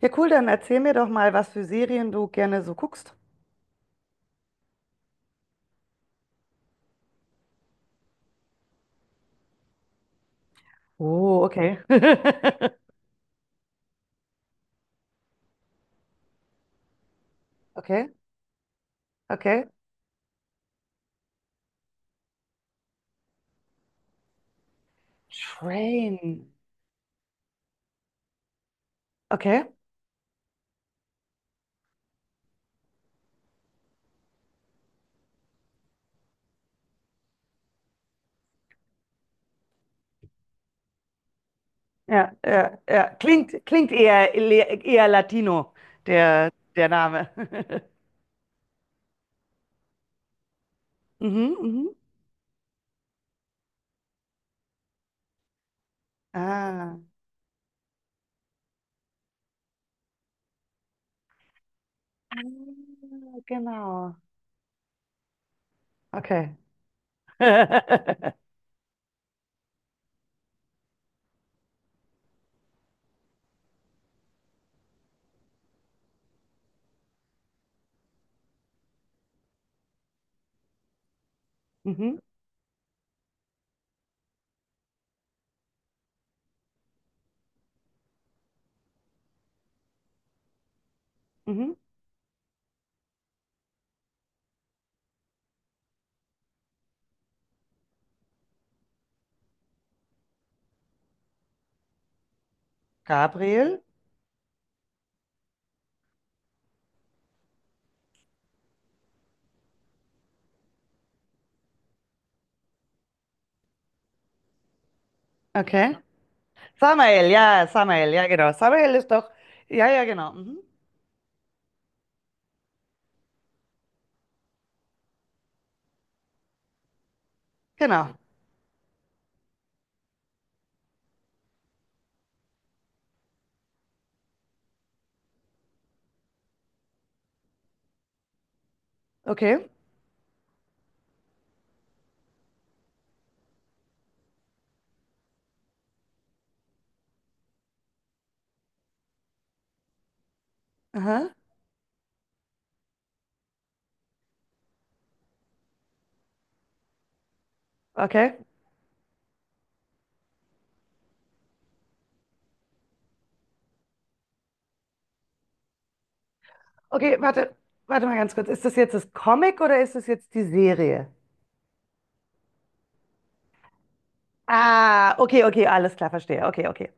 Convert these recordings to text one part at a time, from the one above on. Ja, cool, dann erzähl mir doch mal, was für Serien du gerne so guckst. Oh, okay. Okay, okay. Train. Okay. Ja, ja, ja. Klingt, klingt eher Latino, der Name. Mhm, mhm. Ah, ah, genau. Okay. Mhm, mhm. Gabriel. Okay. Samael, ja, genau. Samael ist doch, ja, ja, genau. Mhm. Genau. Okay. Aha. Okay. Okay, warte, warte mal ganz kurz. Ist das jetzt das Comic oder ist das jetzt die Serie? Ah, okay, okay, alles klar, verstehe. Okay, okay.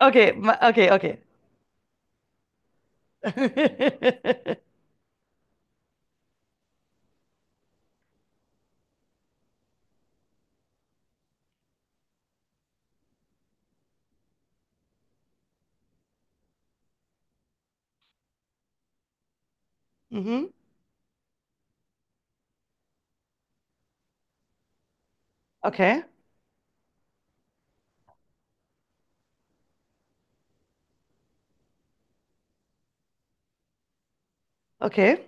Okay, okay, okay. Mhm. Okay, okay.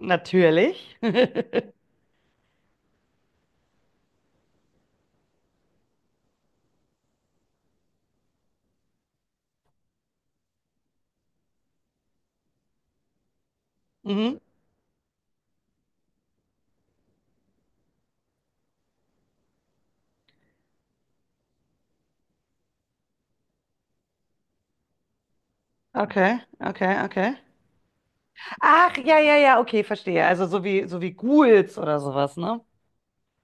Natürlich. Mhm. Okay, okay, okay. Ach, ja, ja, ja, okay, verstehe. Also so wie Ghouls oder sowas, ne?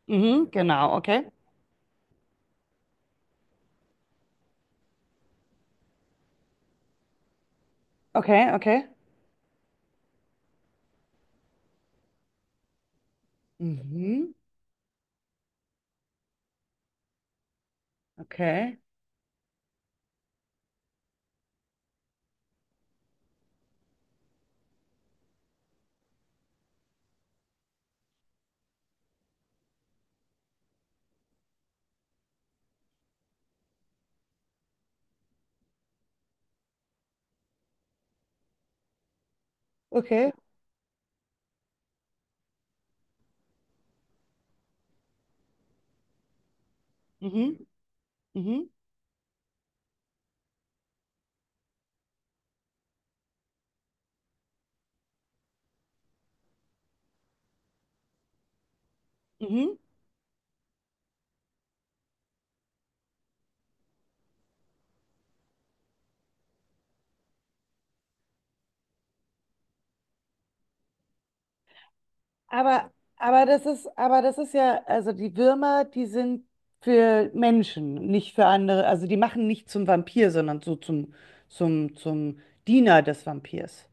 Mhm, genau, okay. Okay, okay. Mhm, okay. Okay. Mhm, mhm, mhm. Aber, aber das ist ja, also die Würmer, die sind für Menschen, nicht für andere. Also die machen nicht zum Vampir, sondern so zum Diener des Vampirs.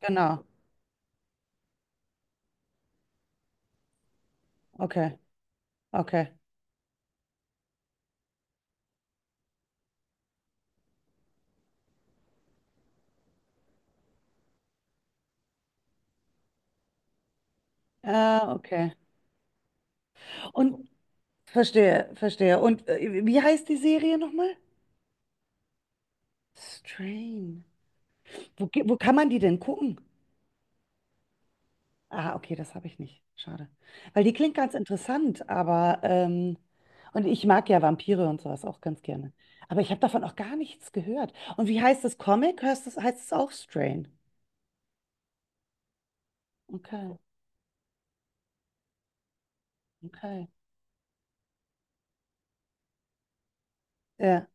Genau. Okay. Okay. Ah, okay. Und verstehe, verstehe. Und wie heißt die Serie nochmal? Strain. Wo kann man die denn gucken? Ah, okay, das habe ich nicht. Schade. Weil die klingt ganz interessant, aber und ich mag ja Vampire und sowas auch ganz gerne. Aber ich habe davon auch gar nichts gehört. Und wie heißt das Comic? Hörst das, heißt es auch Strain? Okay, okay. Ja.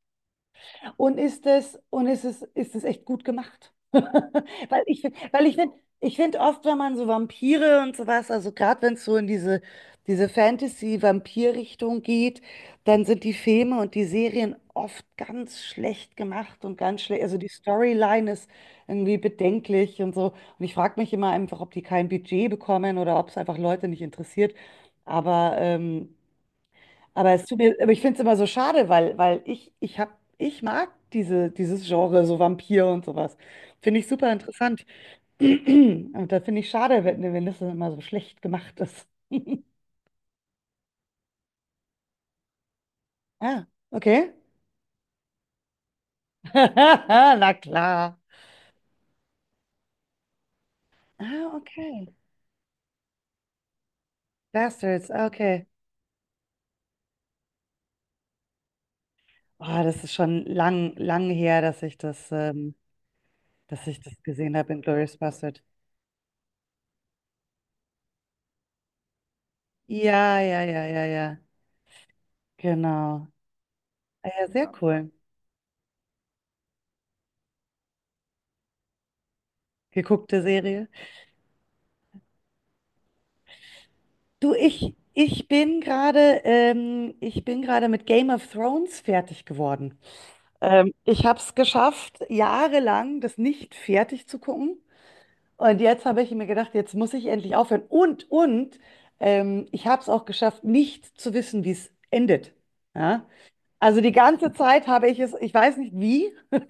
Und ist es echt gut gemacht? Weil ich finde oft, wenn man so Vampire und sowas, also gerade wenn es so in diese Fantasy-Vampir-Richtung geht, dann sind die Filme und die Serien oft ganz schlecht gemacht und ganz schlecht. Also die Storyline ist irgendwie bedenklich und so. Und ich frage mich immer einfach, ob die kein Budget bekommen oder ob es einfach Leute nicht interessiert. Aber aber es tut mir, aber ich finde es immer so schade, weil ich hab, ich mag dieses Genre, so Vampir und sowas. Finde ich super interessant. Und da finde ich schade, wenn das dann immer so schlecht gemacht ist. Ah, okay. Na klar. Ah, okay. Bastards, ah, okay. Oh, das ist schon lang her, dass dass ich das gesehen habe in Glorious Bastard. Ja, ja, ja, ja, ja. Genau. Ah, ja, sehr cool. Geguckte Serie. Du, ich bin gerade mit Game of Thrones fertig geworden. Ich habe es geschafft, jahrelang das nicht fertig zu gucken. Und jetzt habe ich mir gedacht, jetzt muss ich endlich aufhören. Und ich habe es auch geschafft, nicht zu wissen, wie es endet. Ja? Also die ganze Zeit habe ich es, ich weiß nicht wie,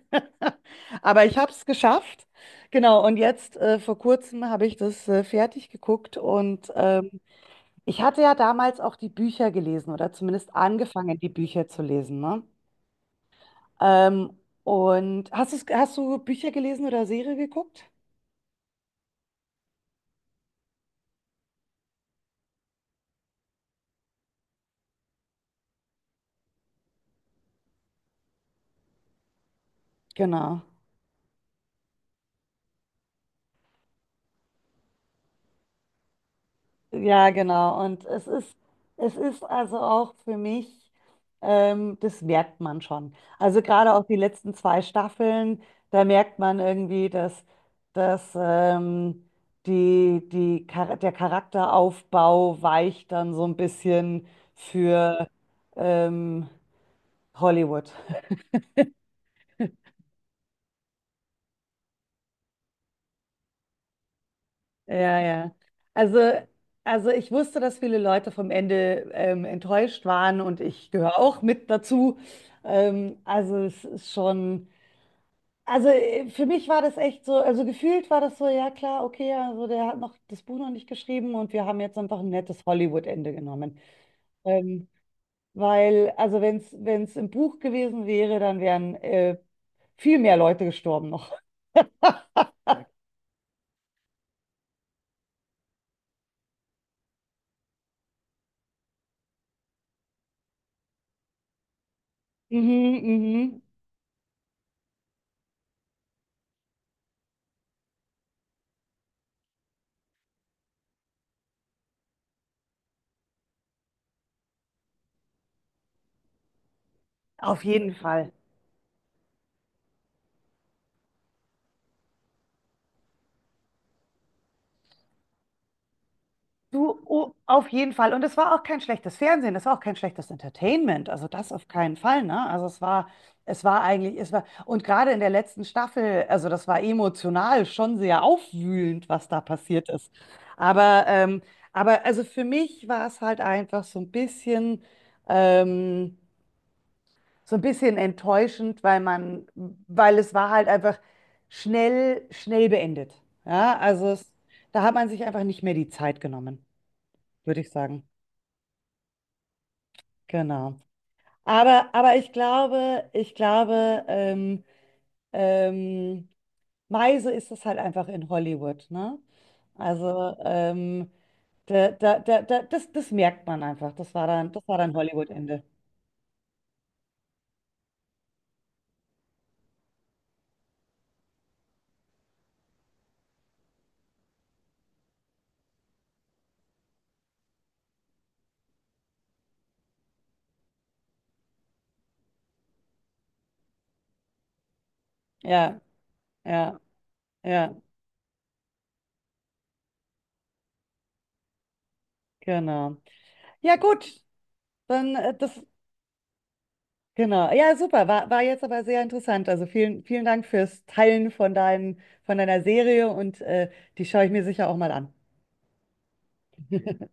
aber ich habe es geschafft. Genau, und jetzt vor kurzem habe ich das fertig geguckt und ich hatte ja damals auch die Bücher gelesen oder zumindest angefangen, die Bücher zu lesen, ne? Ähm, und hast du Bücher gelesen oder Serie geguckt? Genau. Ja, genau. Und es ist also auch für mich, das merkt man schon. Also gerade auch die letzten zwei Staffeln, da merkt man irgendwie, dass der Charakteraufbau weicht dann so ein bisschen für. ähm, Hollywood. Ja, ja. Also, also ich wusste, dass viele Leute vom Ende enttäuscht waren und ich gehöre auch mit dazu. Also es ist schon, also für mich war das echt so, also gefühlt war das so, ja klar, okay, also der hat noch das Buch noch nicht geschrieben und wir haben jetzt einfach ein nettes Hollywood-Ende genommen. Ähm, weil, also wenn es im Buch gewesen wäre, dann wären viel mehr Leute gestorben noch. Mhm, mhm. Auf jeden Fall. Du, oh, auf jeden Fall. Und es war auch kein schlechtes Fernsehen, es war auch kein schlechtes Entertainment. Also das auf keinen Fall, ne? Also es war eigentlich, es war, und gerade in der letzten Staffel, also das war emotional schon sehr aufwühlend, was da passiert ist. Aber, ähm, aber also für mich war es halt einfach ähm, so ein bisschen enttäuschend, weil man, weil es war halt einfach schnell beendet. Ja, also es, da hat man sich einfach nicht mehr die Zeit genommen, würde ich sagen. Genau. Aber, ich glaube, ähm, Meise ist es halt einfach in Hollywood, ne? Also, das merkt man einfach. Das war dann Hollywood-Ende. Ja, ja, ja, genau. Ja, gut, dann genau. Ja, super. War, war jetzt aber sehr interessant. Also vielen, vielen Dank fürs Teilen von von deiner Serie und die schaue ich mir sicher auch mal an.